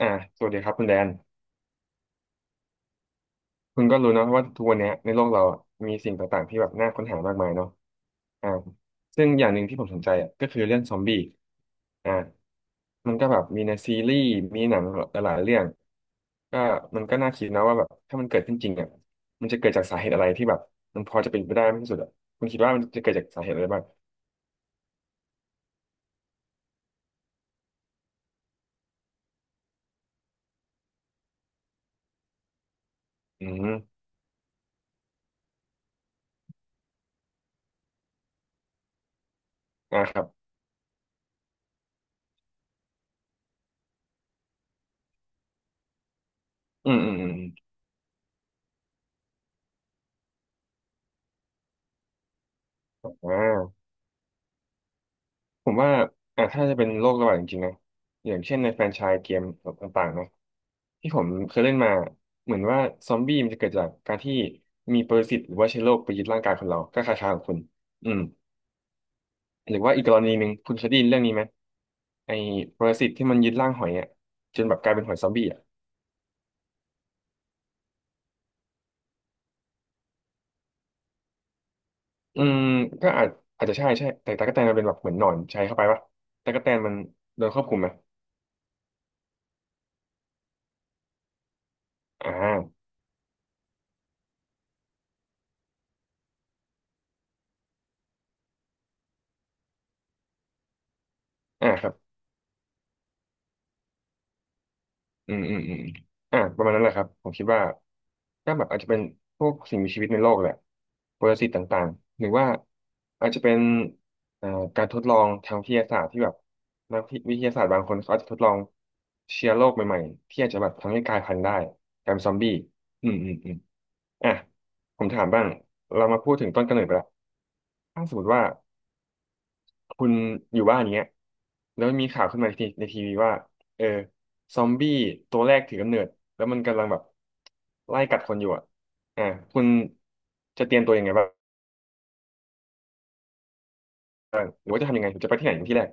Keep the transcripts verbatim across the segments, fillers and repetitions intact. อ่าสวัสดีครับคุณแดนคุณก็รู้เนอะว่าทุกวันเนี้ยในโลกเราอะมีสิ่งต่างๆที่แบบน่าค้นหามากมายเนาะอ่าซึ่งอย่างหนึ่งที่ผมสนใจอ่ะก็คือเรื่องซอมบี้อ่ามันก็แบบมีในซีรีส์มีหนังหลายๆเรื่องก็มันก็น่าคิดนะว่าแบบถ้ามันเกิดขึ้นจริงอ่ะมันจะเกิดจากสาเหตุอะไรที่แบบมันพอจะเป็นไปได้มากที่สุดอ่ะคุณคิดว่ามันจะเกิดจากสาเหตุอะไรบ้างอืมอ่าครับอืมอืมอืมอมอ่า ผมว่าอ่ะถ้าจะเป็นโรคระบาดจริงๆนะอย่างเช่นในแฟรนไชส์เกมต่างๆนะที่ผมเคยเล่นมา เหมือนว่าซอมบี้มันจะเกิดจากการที่มีปรสิตหรือว่าเชื้อโรคไปยึดร่างกายคนเราก็คล้ายๆของคุณอืมหรือว่าอีกกรณีหนึ่งคุณเคยได้ยินเรื่องนี้ไหมไอ้ปรสิตที่มันยึดร่างหอยอ่ะจนแบบกลายเป็นหอยซอมบี้อ่ะอืมก็อาจอาจจะใช่ใช่แต่ตั๊กแตนมันเป็นแบบเหมือนหนอนใช้เข้าไปปะตั๊กแตนมันโดนควบคุมไหมอ่าอ่าครับ อืมอืมอืมอ่าประมาณนั้นแหละครับผมคิดว่าก็แบบอาจจะเป็นพวกสิ่งมีชีวิตในโลกแหละปรสิตต่างๆหรือว่าอาจจะเป็นเอ่อการทดลองทางวิทยาศาสตร์ที่แบบนักวิทยาศาสตร์บางคนเขาอาจจะทดลองเชื้อโรคใหม่ๆที่อาจจะแบบทำให้กลายพันธุ์ได้กลายเป็นซอมบี้อืมอืมอืมอ่ะผมถามบ้างเรามาพูดถึงต้นกำเนิดไปละถ้าสมมติว่า คุณอยู่บ้านอย่างเงี้ยแล้วมีข่าวขึ้นมาในทีในทีวีว่าเออซอมบี้ตัวแรกถือกำเนิดแล้วมันกำลังแบบไล่กัดคนอยู่อ่ะอ่าคุณจะเตรียมตัวยังไงบ้างหรือว่าจะทำยังไงหรือจะไปที่ไหนเป็นที่แรก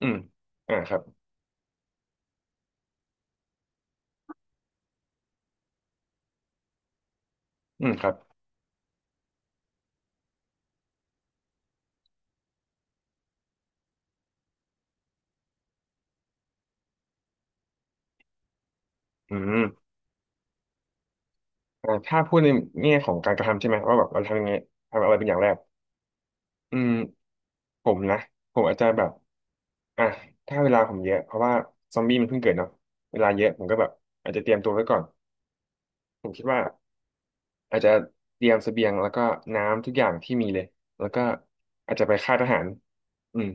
อืมอ่าครับอืมครับอืมอ่าถ้าพูดในแง่ของการกระทำใช่ไหมว่าแบบเราทำยังไงทำอะไรเป็นอย่างแรกอืมผมนะผมอาจจะแบบอ่ะถ้าเวลาผมเยอะเพราะว่าซอมบี้มันเพิ่งเกิดเนาะเวลาเยอะผมก็แบบอาจจะเตรียมตัวไว้ก่อนผมคิดว่า อาจจะเตรียมเสบียงแล้วก็น้ำทุกอย่างที่มีเลยแล้วก็อาจจะไปค่ายทหารอืม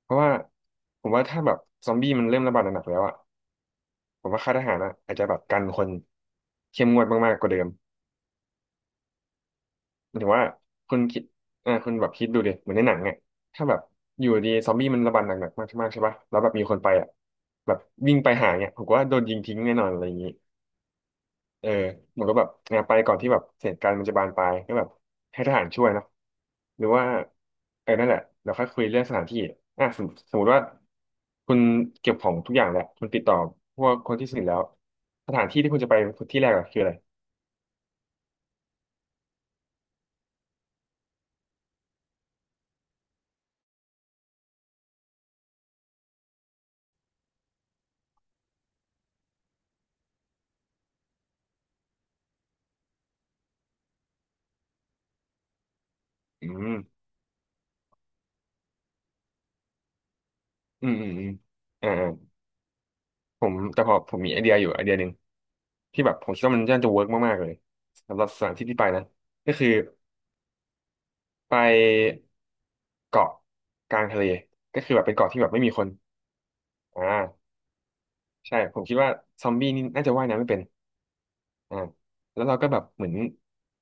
เพราะว่าผมว่าถ้าแบบซอมบี้มันเริ่มระบาดหนักๆแล้วอ่ะผมว่าค่ายทหารอะอาจจะแบบกันคนเข้มงวดมากๆกว่าเดิมหมายถึงว่าคุณคิดอ่าคุณแบบคิดดูดิเหมือนในหนังเนี่ยถ้าแบบอยู่ดีซอมบี้มันระบาดหนักๆมากๆใช่ปะแล้วแบบมีคนไปอ่ะแบบวิ่งไปหาเนี่ยผมว่าโดนยิงทิ้งแน่นอนอะไรอย่างนี้ เออเหมือนก็แบบเออไปก่อนที่แบบเหตุการณ์มันจะบานปลายก็แบบให้ทหารช่วยเนอะหรือว่าเออนั่นแหละเราค่อยคุยเรื่องสถานที่อ่ะสมสมมติว่าคุณเก็บของทุกอย่างแล้วคุณติดต่อพวกคนที่สนิทแล้วสถานที่ที่คุณจะไปที่แรกอะคืออะไรอืมอืมอืมอืมอ่าอ่าผมแต่พอผมมีไอเดียอยู่ไอเดียหนึ่งที่แบบผมคิดว่ามันน่าจะเวิร์กมากๆเลยสำหรับสถานที่ที่ไปนะก็คือไปเกาะกลางทะเลก็คือแบบเป็นเกาะที่แบบไม่มีคนอ่า ใช่ผมคิดว่าซอมบี้นี่น่าจะว่ายน้ำไม่เป็นอ่าแล้วเราก็แบบเหมือน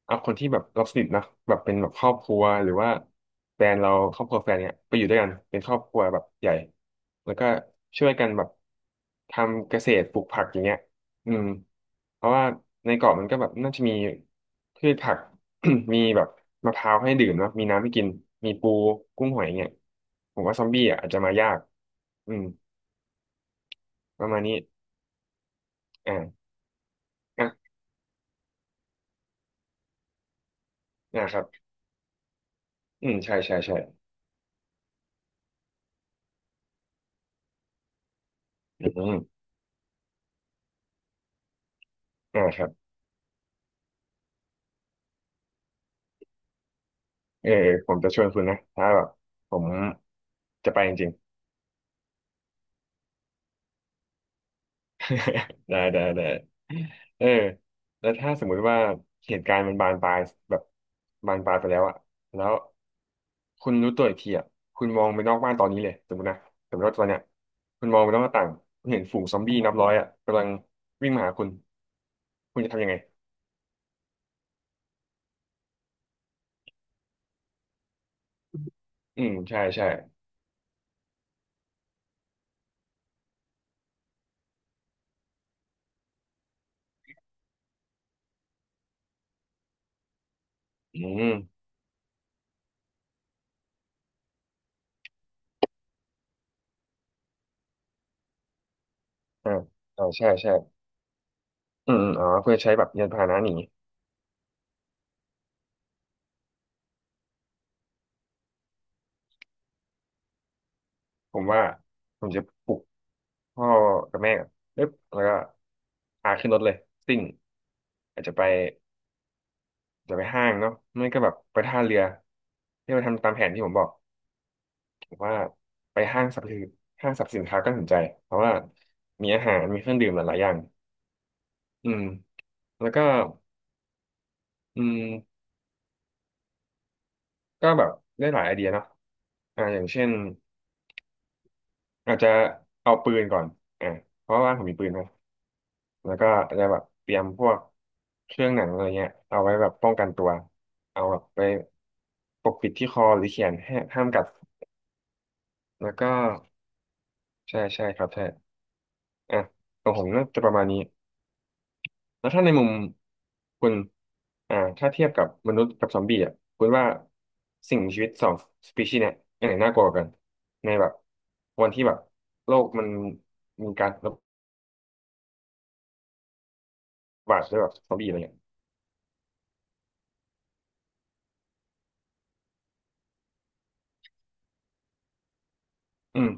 เอาคนที่แบบเราสนิทนะแบบเป็นแบบครอบครัวหรือว่าแฟนเราครอบครัวแฟนเนี่ยไปอยู่ด้วยกันเป็นครอบครัวแบบใหญ่แล้วก็ช่วยกันแบบทำเกษตรปลูกผักอย่างเงี้ยอืมเพราะว่าในเกาะมันก็แบบน่าจะมีพืชผัก มีแบบมะพร้าวให้ดื่มเนอะมีน้ำให้กินมีปูกุ้งหอยเงี้ยผมว่าซอมบี้อ่ะอาจจะมายากอืมประมาณนี้อ่าอ่ะนะครับ อืมใช่ใช่ใช่อืมอ่าครับเออผมจะชวนคุณนะถ้าแบบผมจะไปจริงๆ ได้ได้ได้เออแล้วถ้าสมมุติว่าเหตุการณ์มันบานปลายแบบบานปลายไปแล้วอะแล้วคุณรู้ตัวอีกทีอะคุณมองไปนอกบ้านตอนนี้เลยสมมตินะสมมติว่าตอนเนี้ยคุณมองไปนอกหน้าต่างคุณเห็นฝูงซอมบี้นับร้อยอะกำลังวิ่งมาหาคุณคุณจะทำยังไงอืมใช่ใช่อืมอ่าอ่าใช่ใช่อืมอมอ๋อเพื่อใช้แบบยานพาหนะหนี ผมว่าผมจะปลุกพ่อกับแม่ก่อนปึ๊บแล้วก็พาขึ้นรถเลยซิ่งอาจจะไปอาจจะไปห้างเนาะไม่ก็แบบไปท่าเรือที่มาทำตามแผนที่ผมบอกผมว่าไปห้างสรรพสินห้างสรรพสินค้าก็สนใจ เพราะว่ามีอาหารมีเครื่องดื่มหลายๆอย่างอืมแล้วก็อืมก็แบบได้หลายไอเดียเนาะอ่าอย่างเช่นอาจจะเอาปืนก่อนอ่าเพราะว่าบ้านผมมีปืนนะ แล้วก็อาจจะแบบเตรียมพวกเครื่องหนังอะไรเงี้ยเอาไว้แบบป้องกันตัวเอาแบบไปปกปิดที่คอหรือเขียนให้ห้ามกัดแล้วก็ใช่ใช่ครับใช่อ่ะของผมน่าจะประมาณนี้แล้วถ้าในมุมคุณอ่าถ้าเทียบกับมนุษย์กับซอมบี้อ่ะคุณว่าสิ่งมีชีวิตสองสปีชีส์เนี่ยอันไหนน่ากลัวกว่ากันในแบบวันที่แบบโลกมันมีการระบาดด้วยแบบซอมบี้อะไรเงี้ยอืม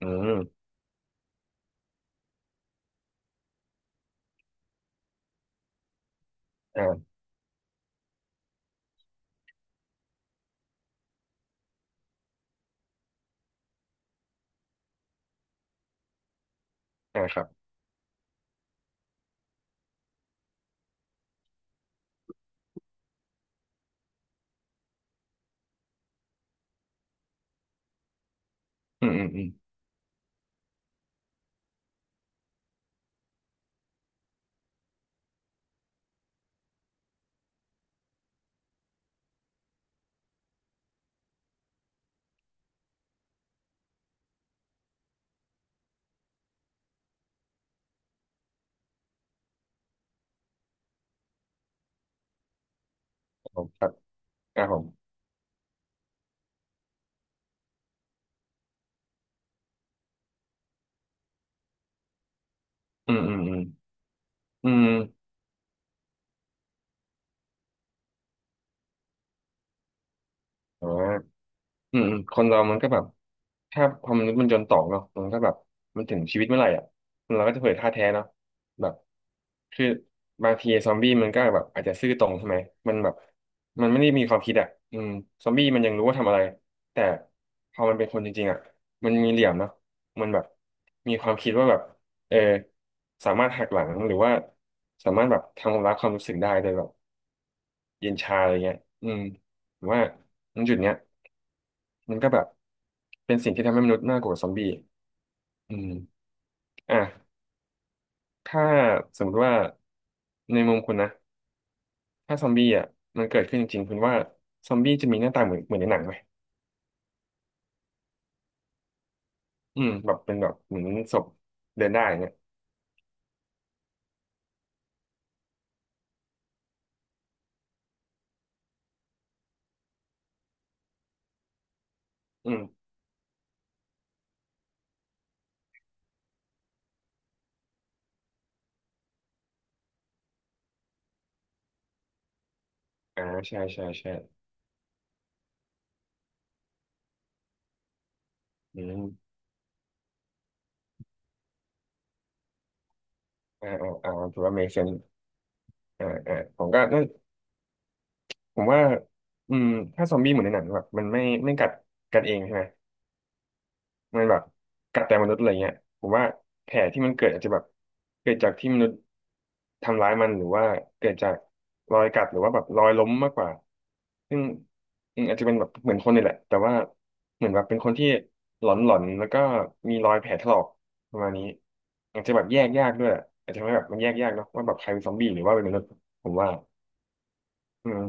อืมอ่าอ่าครับอืมอืมอืมครับ ครับผมอืมอืมอืมอืมแต่ว่าอืมอืมคนเรามันก็แบบ ถ้าพอมันษย์มันจนตอกเนาะมันก็แบบมันถึงชีวิตเมื่อไหร่อ่ะเราก็จะเผยท่าแท้เนาะแบบคือบางทีซอมบี้มันก็แบบอาจจะซื่อตรงใช่ไหมมันแบบมันไม่ได้มีความคิดอ่ะอืมซอมบี้มันยังรู้ว่าทำอะไร แต่พอมันเป็นคนจริงๆอ่ะมันมีเหลี่ยมเนาะมันแบบมีความคิดว่าแบบเออสามารถหักหลังหรือว่าสามารถแบบทำลายความรู้สึกได้โดยแบบ เย็นชาอะไรเงี้ยอืมผมว่าตรงจุดเนี้ยมันก็แบบเป็นสิ่งที่ทำให้มนุษย์น่ากลัวกว่าซอมบี้อืมอ่ะถ้าสมมติว่าในมุมคุณนะถ้าซอมบี้อ่ะมันเกิดขึ้นจริงๆคุณว่าซอมบี้จะมีหน้าตาเหมือนเหมือนในหนังไหมอืมแบบเป็นแบบเหมือนศพเดินได้เนี่ยอืมอ่าใช่ใช่ใช่อืมอ่าอ่าอ่าถือว่า make sense อ่าอ่าผมก็น่าผมว่าอืมถ้าซอมบี้เหมือนในหนังแบบมันไม่ไม่กัดกันเองใช่ไหม มันแบบกัดแต่มนุษย์อะไรเงี้ยผมว่าแผลที่มันเกิดอาจจะแบบเกิดจากที่มนุษย์ทำร้ายมันหรือว่าเกิดจากรอยกัดหรือว่าแบบรอยล้มมากกว่าซึ่งอืมอาจจะเป็นแบบเหมือนคนนี่แหละแต่ว่าเหมือนแบบเป็นคนที่หลอนหลอนแล้วก็มีรอยแผลถลอกประมาณนี้อาจจะแบบแยกยากด้วยอาจจะไม่แบบมันแยกยากเนาะว่าแบบใครเป็นซอมบี้หรือว่าเป็นมนุษย์ผมว่าอืม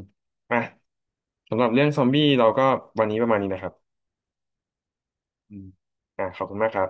อ่ะสำหรับเรื่องซอมบี้เราก็วันนี้ประมาณนี้นะครับอืมอ่ะขอบคุณมากครับ